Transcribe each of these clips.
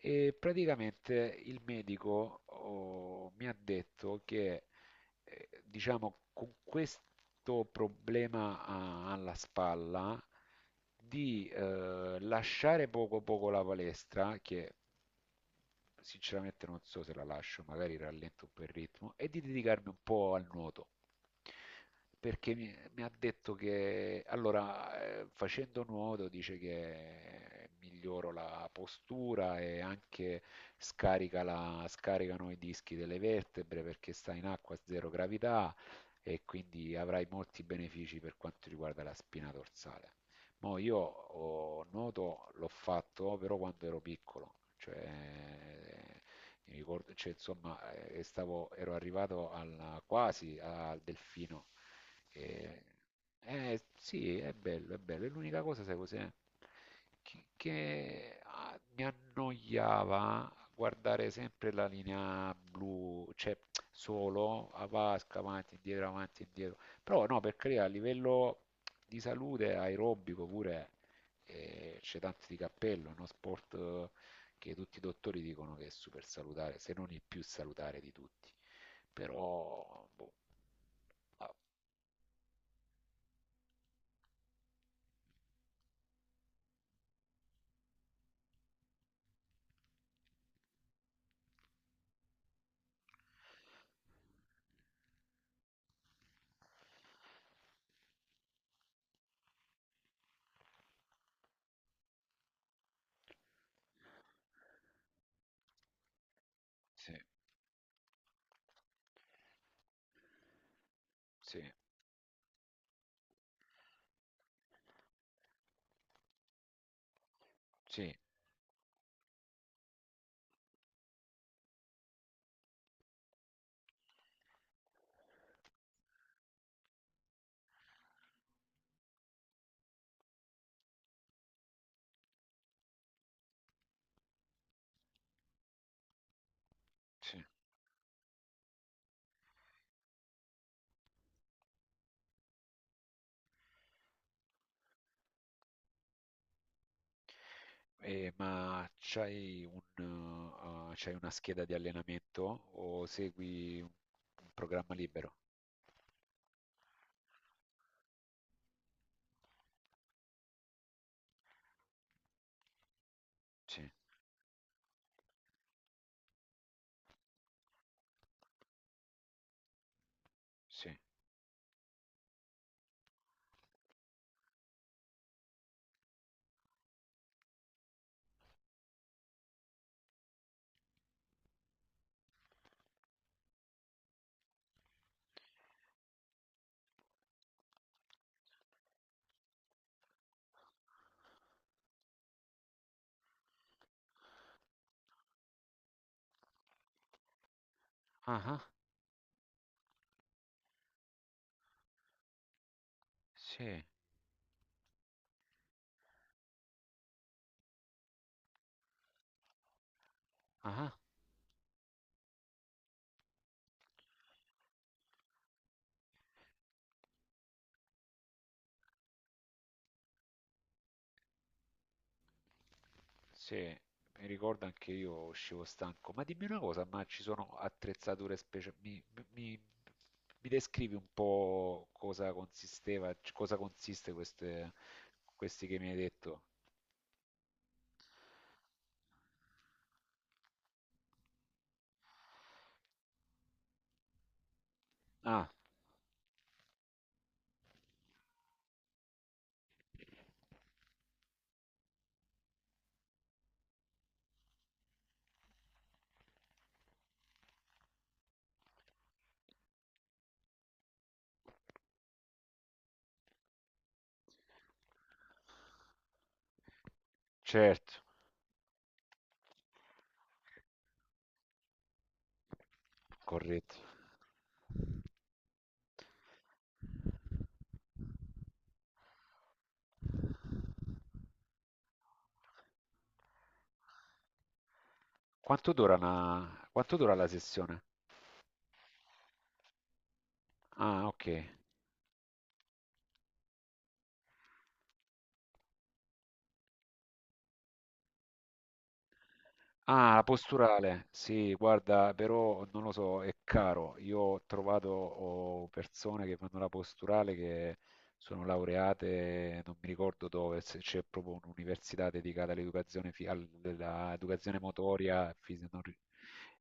E praticamente il medico mi ha detto che, diciamo, con questo problema alla spalla, di lasciare poco poco la palestra, che sinceramente non so se la lascio, magari rallento un po' il ritmo, e di dedicarmi un po' al nuoto perché mi ha detto che allora facendo nuoto dice che miglioro la postura e anche scaricano i dischi delle vertebre perché sta in acqua a zero gravità e quindi avrai molti benefici per quanto riguarda la spina dorsale. Mo nuoto l'ho fatto però quando ero piccolo, cioè mi ricordo, cioè, insomma, ero arrivato quasi al delfino. E, sì, è bello, è bello. E l'unica cosa, sai cos'è? Che, mi annoiava guardare sempre la linea blu, cioè solo a vasca, avanti, indietro, avanti, indietro. Però no, per carità, a livello di salute aerobico pure c'è tanto di cappello, è uno sport che tutti i dottori dicono che è super salutare, se non il più salutare di tutti. Però, boh, ah, sì, sì, sì, sì. E, ma c'hai una scheda di allenamento o segui un programma libero? Sì, sì. Ah, ah, sì, ah, ah. Sì, mi ricordo anche io uscivo stanco. Ma dimmi una cosa, ma ci sono attrezzature speciali? Mi- mi descrivi un po' cosa cosa consiste questi che mi hai detto? Ah, certo, corretto. Quanto dura la sessione? Ah, ok. Ah, la posturale. Sì, guarda, però non lo so, è caro. Io ho trovato persone che fanno la posturale che sono laureate, non mi ricordo dove, se c'è proprio un'università dedicata all'educazione all'educazione motoria, fisi- non ri-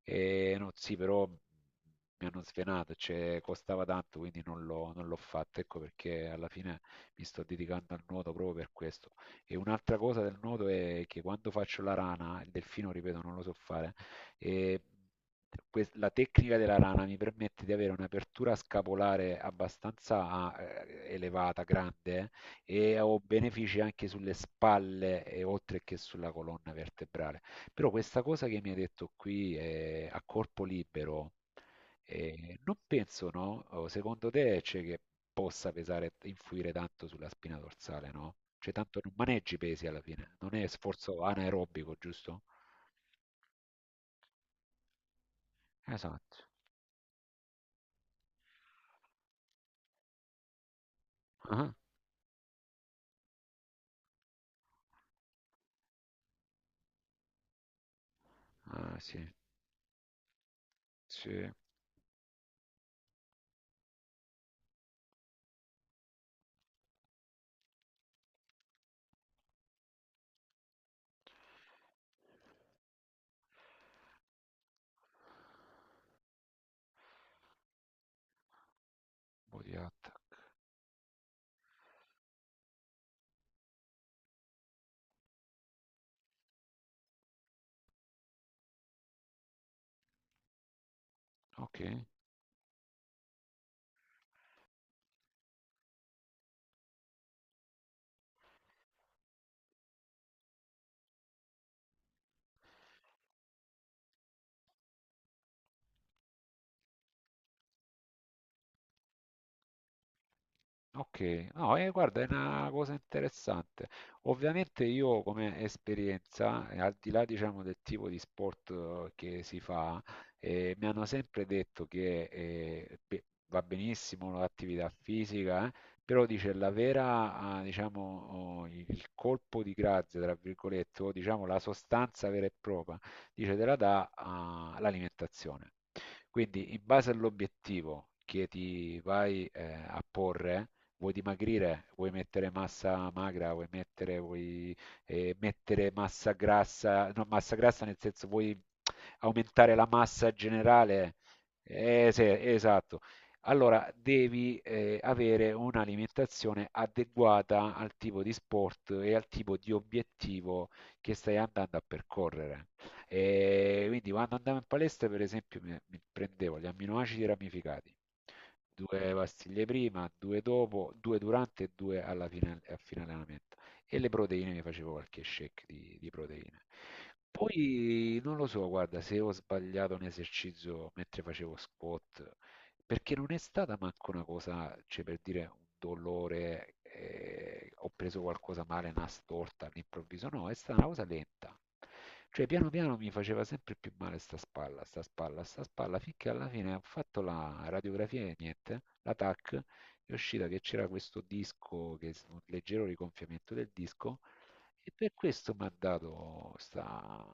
e no, sì, però mi hanno svenato, cioè, costava tanto, quindi non l'ho fatto, ecco perché alla fine mi sto dedicando al nuoto proprio per questo. E un'altra cosa del nuoto è che quando faccio la rana, il delfino, ripeto, non lo so fare, e la tecnica della rana mi permette di avere un'apertura scapolare abbastanza elevata, grande, e ho benefici anche sulle spalle e oltre che sulla colonna vertebrale. Però questa cosa che mi hai detto qui a corpo libero. E non penso, no? O secondo te c'è che possa pesare, influire tanto sulla spina dorsale, no? Cioè, tanto non maneggi pesi alla fine, non è sforzo anaerobico, giusto? Esatto. Ah, ah, sì, sì, Body Attack. Ok. Ok, no, guarda, è una cosa interessante. Ovviamente io come esperienza, al di là, diciamo, del tipo di sport che si fa, mi hanno sempre detto che va benissimo l'attività fisica, però dice diciamo, oh, il colpo di grazia, tra virgolette, o diciamo la sostanza vera e propria, dice te la dà l'alimentazione. Quindi in base all'obiettivo che ti vai a porre, vuoi dimagrire, vuoi mettere massa magra, vuoi mettere massa grassa, no, massa grassa nel senso vuoi aumentare la massa generale. Sì, esatto. Allora devi avere un'alimentazione adeguata al tipo di sport e al tipo di obiettivo che stai andando a percorrere. E quindi quando andavo in palestra, per esempio, mi prendevo gli amminoacidi ramificati, due pastiglie prima, due dopo, due durante e due alla fine, a fine allenamento. E le proteine mi facevo qualche shake di proteine. Poi non lo so, guarda, se ho sbagliato un esercizio mentre facevo squat perché non è stata manco una cosa, cioè per dire un dolore, ho preso qualcosa male, una storta all'improvviso, no, è stata una cosa lenta. Cioè piano piano mi faceva sempre più male sta spalla, sta spalla, sta spalla, finché alla fine ho fatto la radiografia e niente, la TAC, è uscita che c'era questo disco, che un leggero rigonfiamento del disco, e per questo mi ha dato sta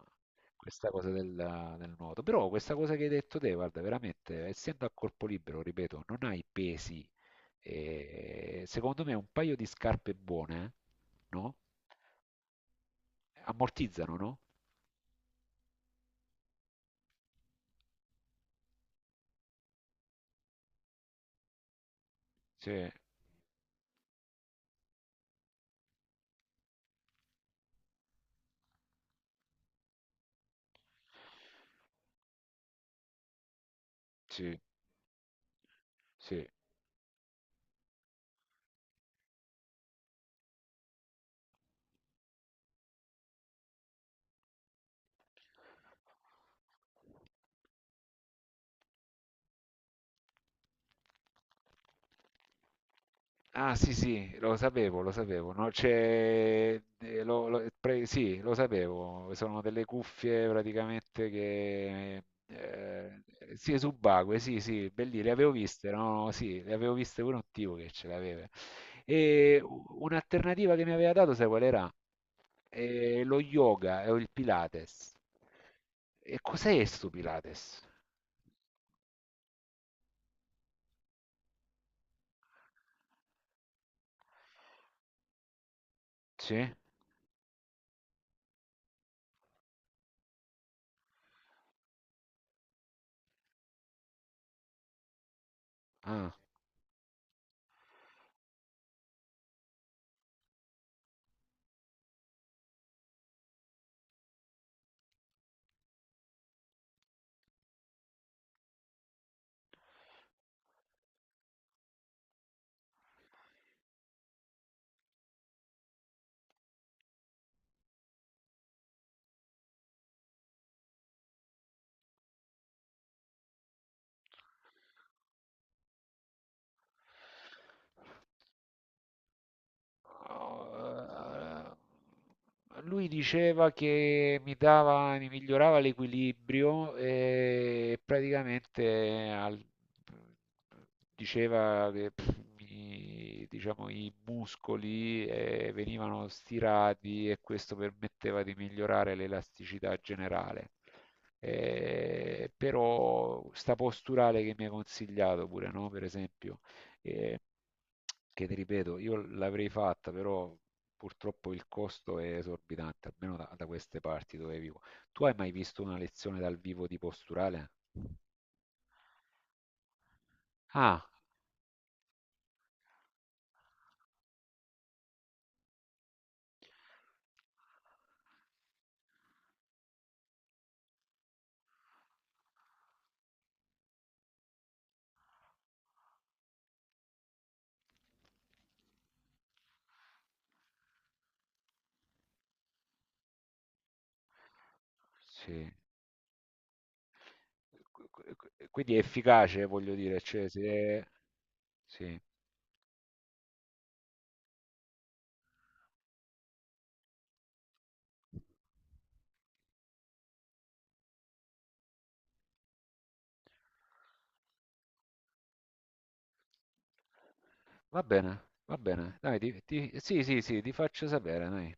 questa cosa del nuoto. Però questa cosa che hai detto te, guarda, veramente, essendo a corpo libero, ripeto, non hai pesi. E secondo me un paio di scarpe buone, no? Ammortizzano, no? Sì, sì, sì. Ah sì sì, lo sapevo, no? C'è, lo- lo- pre- sì, lo sapevo, sono delle cuffie praticamente che, sì, subacquee, sì sì, belli, le avevo viste, no? Sì, le avevo viste pure un tipo che ce l'aveva. E un'alternativa che mi aveva dato, sai qual era? Lo yoga o il Pilates. E cos'è sto Pilates? Sì? Ah. No, eh, lui diceva che mi migliorava l'equilibrio e praticamente diceva che diciamo, i muscoli venivano stirati e questo permetteva di migliorare l'elasticità generale. Però sta posturale che mi ha consigliato pure, no? Per esempio che, che ti ripeto, io l'avrei fatta, però purtroppo il costo è esorbitante, almeno da queste parti dove vivo. Tu hai mai visto una lezione dal vivo di posturale? Ah, sì. Quindi è efficace, voglio dire, cioè, se... Sì. Va bene, va bene. Dai, sì, sì, sì, ti faccio sapere, dai.